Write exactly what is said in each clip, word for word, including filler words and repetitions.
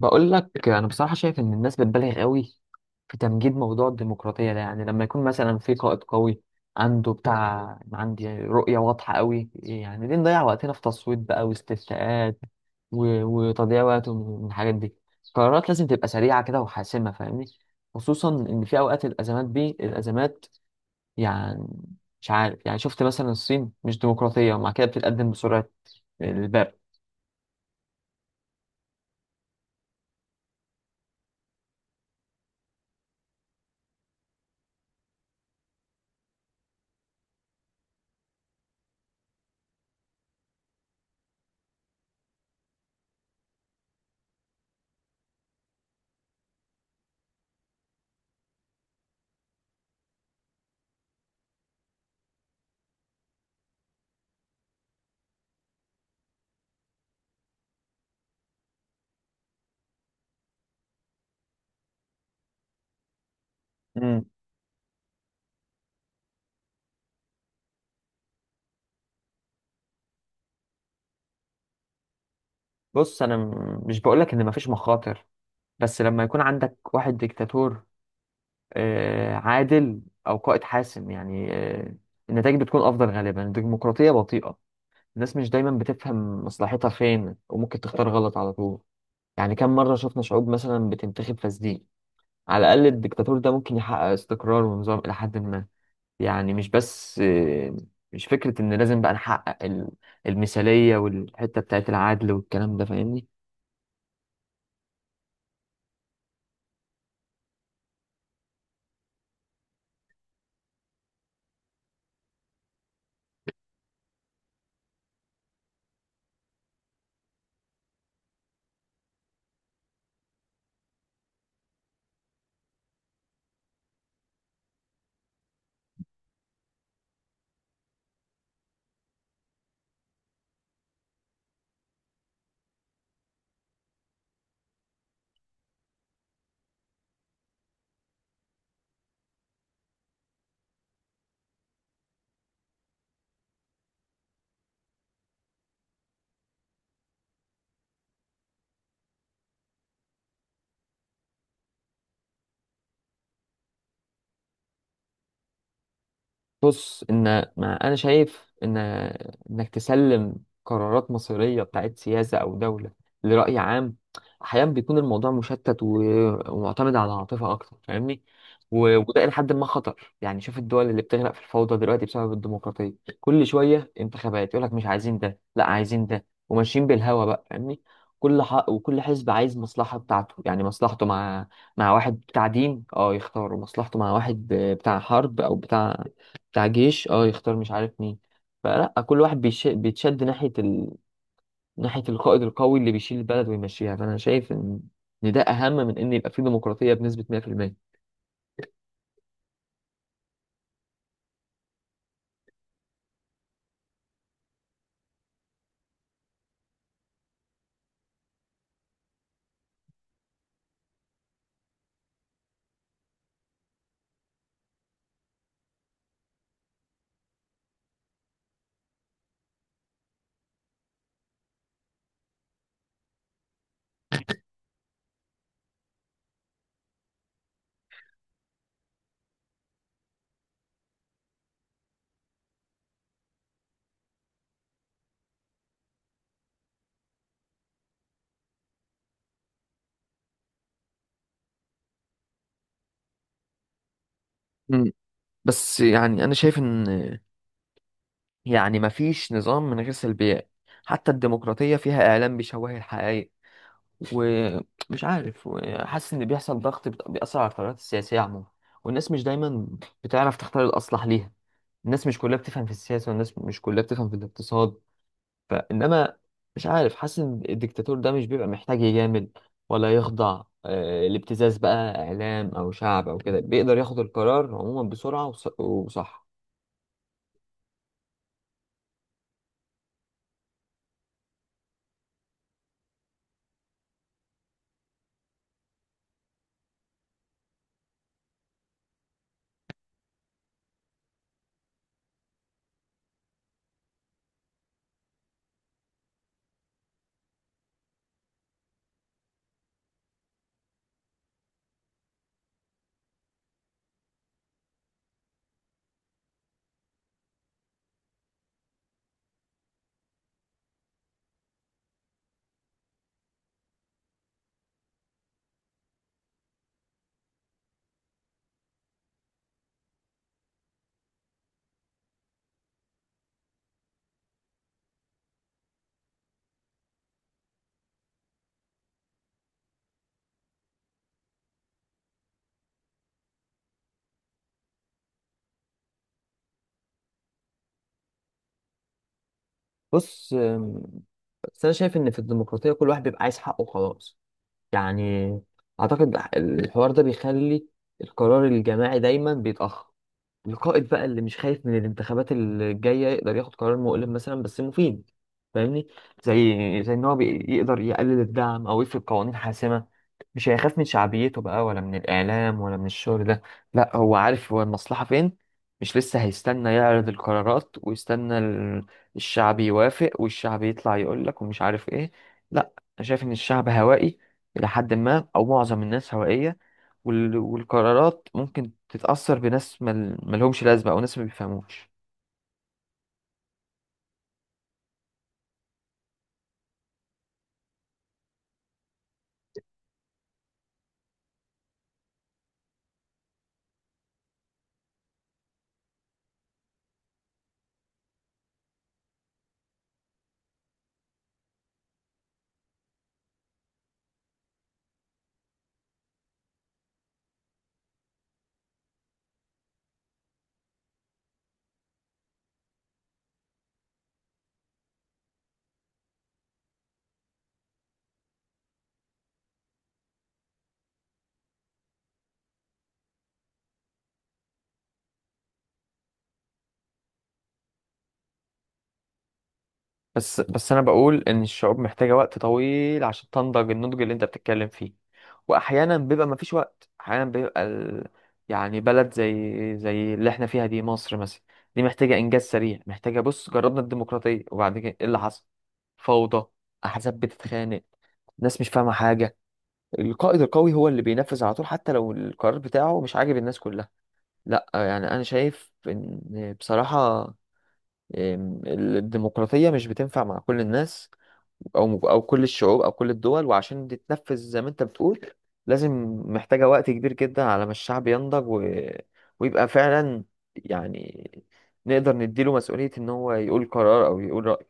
بقول لك انا بصراحه شايف ان الناس بتبالغ قوي في تمجيد موضوع الديمقراطيه ده. يعني لما يكون مثلا في قائد قوي عنده بتاع عندي رؤيه واضحه قوي، يعني ليه نضيع وقتنا في تصويت بقى واستفتاءات و- وتضييع وقت من الحاجات دي. القرارات لازم تبقى سريعه كده وحاسمه، فاهمني؟ خصوصا ان في اوقات الازمات دي الازمات. يعني مش عارف، يعني شفت مثلا الصين مش ديمقراطيه ومع كده بتتقدم بسرعه البرق. مم. بص انا م- مش بقولك ان مفيش مخاطر، بس لما يكون عندك واحد ديكتاتور آه، عادل أو قائد حاسم، يعني آه، النتائج بتكون أفضل غالبا. الديمقراطية بطيئة، الناس مش دايما بتفهم مصلحتها فين وممكن تختار غلط على طول. يعني كم مرة شفنا شعوب مثلا بتنتخب فاسدين؟ على الأقل الديكتاتور ده ممكن يحقق استقرار ونظام إلى حد ما. يعني مش بس آه، مش فكرة إن لازم بقى نحقق ال- المثالية والحتة بتاعت العدل والكلام ده، فاهمني؟ بص ان ما انا شايف ان انك تسلم قرارات مصيريه بتاعت سياسه او دوله لراي عام، احيانا بيكون الموضوع مشتت و- ومعتمد على العاطفه اكتر، فاهمني؟ و- وده الى حد ما خطر. يعني شوف الدول اللي بتغرق في الفوضى دلوقتي بسبب الديمقراطيه. كل شويه انتخابات يقول لك مش عايزين ده، لا عايزين ده، وماشيين بالهوا بقى، فاهمني؟ كل حق وكل حزب عايز مصلحه بتاعته. يعني مصلحته مع مع واحد بتاع دين اه يختاروا، مصلحته مع واحد بتاع حرب او بتاع بتاع جيش اه يختار مش عارف مين. فلا كل واحد بيش... بيتشد ناحية ال... ناحية القائد القوي اللي بيشيل البلد ويمشيها. فأنا شايف إن إن ده أهم من إن يبقى فيه ديمقراطية بنسبة مية في المية. مم. بس يعني أنا شايف إن يعني مفيش نظام من غير سلبيات. حتى الديمقراطية فيها إعلام بيشوه الحقائق، ومش عارف، وحاسس إن بيحصل ضغط بت- بيأثر على القرارات السياسية عموما. والناس مش دايما بتعرف تختار الأصلح ليها، الناس مش كلها بتفهم في السياسة والناس مش كلها بتفهم في الاقتصاد. فانما مش عارف، حاسس ان الدكتاتور ده مش بيبقى محتاج يجامل ولا يخضع آه، لابتزاز بقى اعلام او شعب او كده، بيقدر ياخد القرار عموما بسرعه وص- وصح. بص آم، بس انا شايف ان في الديمقراطيه كل واحد بيبقى عايز حقه خلاص. يعني اعتقد الحوار ده بيخلي القرار الجماعي دايما بيتاخر. القائد بقى اللي مش خايف من الانتخابات الجاية يقدر ياخد قرار مؤلم مثلا بس مفيد، فاهمني؟ زي زي ان هو بي- يقدر يقلل الدعم او يفرض قوانين حاسمة. مش هيخاف من شعبيته بقى، ولا من الإعلام، ولا من الشغل ده. لا، هو عارف هو المصلحة فين. مش لسه هيستنى يعرض القرارات ويستنى ال- الشعب يوافق والشعب يطلع يقول لك ومش عارف ايه. لا، انا شايف ان الشعب هوائي الى حد ما، او معظم الناس هوائية. وال- والقرارات ممكن تتأثر بناس مل- ملهمش لازمة او ناس ما بيفهموش. بس بس انا بقول ان الشعوب محتاجه وقت طويل عشان تنضج النضج اللي انت بتتكلم فيه. واحيانا بيبقى مفيش وقت، احيانا بيبقى ال... يعني بلد زي زي اللي احنا فيها دي، مصر مثلا، دي محتاجه انجاز سريع. محتاجه، بص جربنا الديمقراطيه وبعد كده ايه اللي حصل؟ فوضى، احزاب بتتخانق، ناس مش فاهمه حاجه. القائد القوي هو اللي بينفذ على طول حتى لو القرار بتاعه مش عاجب الناس كلها. لا يعني انا شايف ان بصراحه إم، الديمقراطيه مش بتنفع مع كل الناس او او كل الشعوب او كل الدول. وعشان تتنفذ زي ما انت بتقول، لازم، محتاجة وقت كبير جدا على ما الشعب ينضج و... ويبقى فعلا يعني نقدر نديله مسؤولية ان هو يقول قرار او يقول رأي.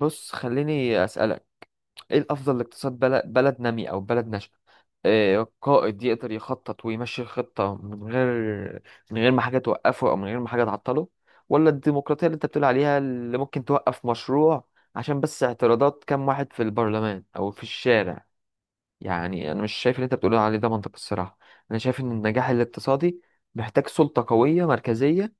بص خليني اسألك، ايه الافضل لاقتصاد بلد، بلد نامي او بلد ناشئه؟ آه، قائد يقدر يخطط ويمشي الخطه من غير من غير ما حاجه توقفه او من غير ما حاجه تعطله، ولا الديمقراطيه اللي انت بتقول عليها اللي ممكن توقف مشروع عشان بس اعتراضات كام واحد في البرلمان او في الشارع؟ يعني انا مش شايف اللي انت بتقول عليه ده منطق الصراحه. انا شايف ان النجاح الاقتصادي محتاج سلطه قويه مركزيه،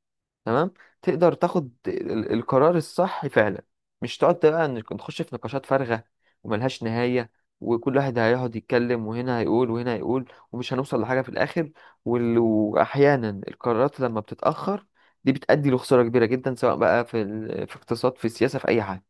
تمام، تقدر تاخد ال- القرار الصح فعلا. مش تقعد بقى إنك نخش في نقاشات فارغة وملهاش نهاية، وكل واحد هيقعد يتكلم وهنا هيقول وهنا هيقول، ومش هنوصل لحاجة في الآخر. وال- وأحيانا القرارات لما بتتأخر دي بتؤدي لخسارة كبيرة جدا، سواء بقى في ال... في اقتصاد في السياسة في أي حاجة.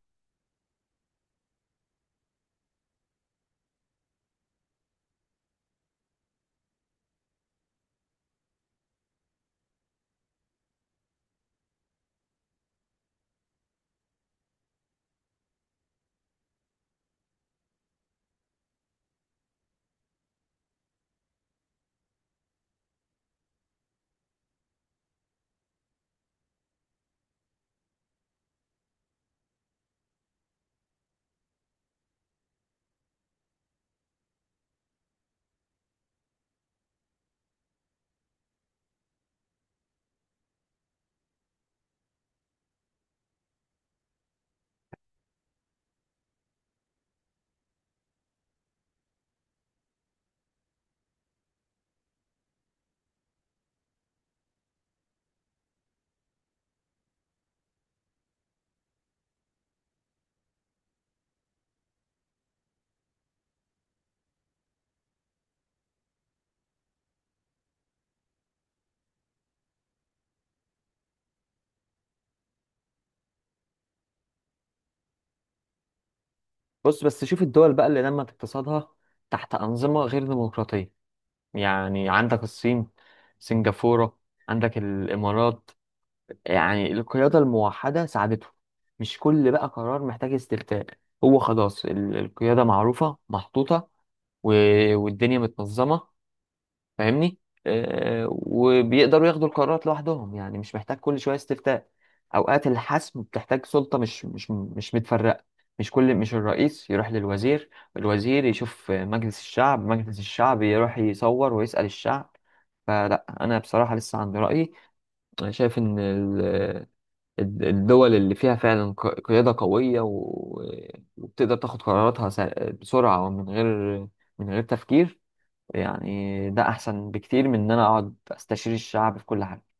بص بس شوف الدول بقى اللي نمت اقتصادها تحت أنظمة غير ديمقراطية. يعني عندك الصين، سنغافورة، عندك الإمارات. يعني القيادة الموحدة ساعدته، مش كل بقى قرار محتاج استفتاء. هو خلاص ال- القيادة معروفة محطوطة و- والدنيا متنظمة، فاهمني؟ آه، وبيقدروا ياخدوا القرارات لوحدهم، يعني مش محتاج كل شوية استفتاء. أوقات الحسم بتحتاج سلطة مش مش مش متفرقة. مش كل مش الرئيس يروح للوزير، الوزير يشوف مجلس الشعب، مجلس الشعب يروح يصور ويسأل الشعب. فلا أنا بصراحة لسه عندي رأيي. أنا شايف إن الد- الدول اللي فيها فعلا ق- قيادة قوية و- وبتقدر تاخد قراراتها س- بسرعة ومن غير من غير تفكير، يعني ده أحسن بكتير من إن أنا أقعد أستشير الشعب في كل حاجة.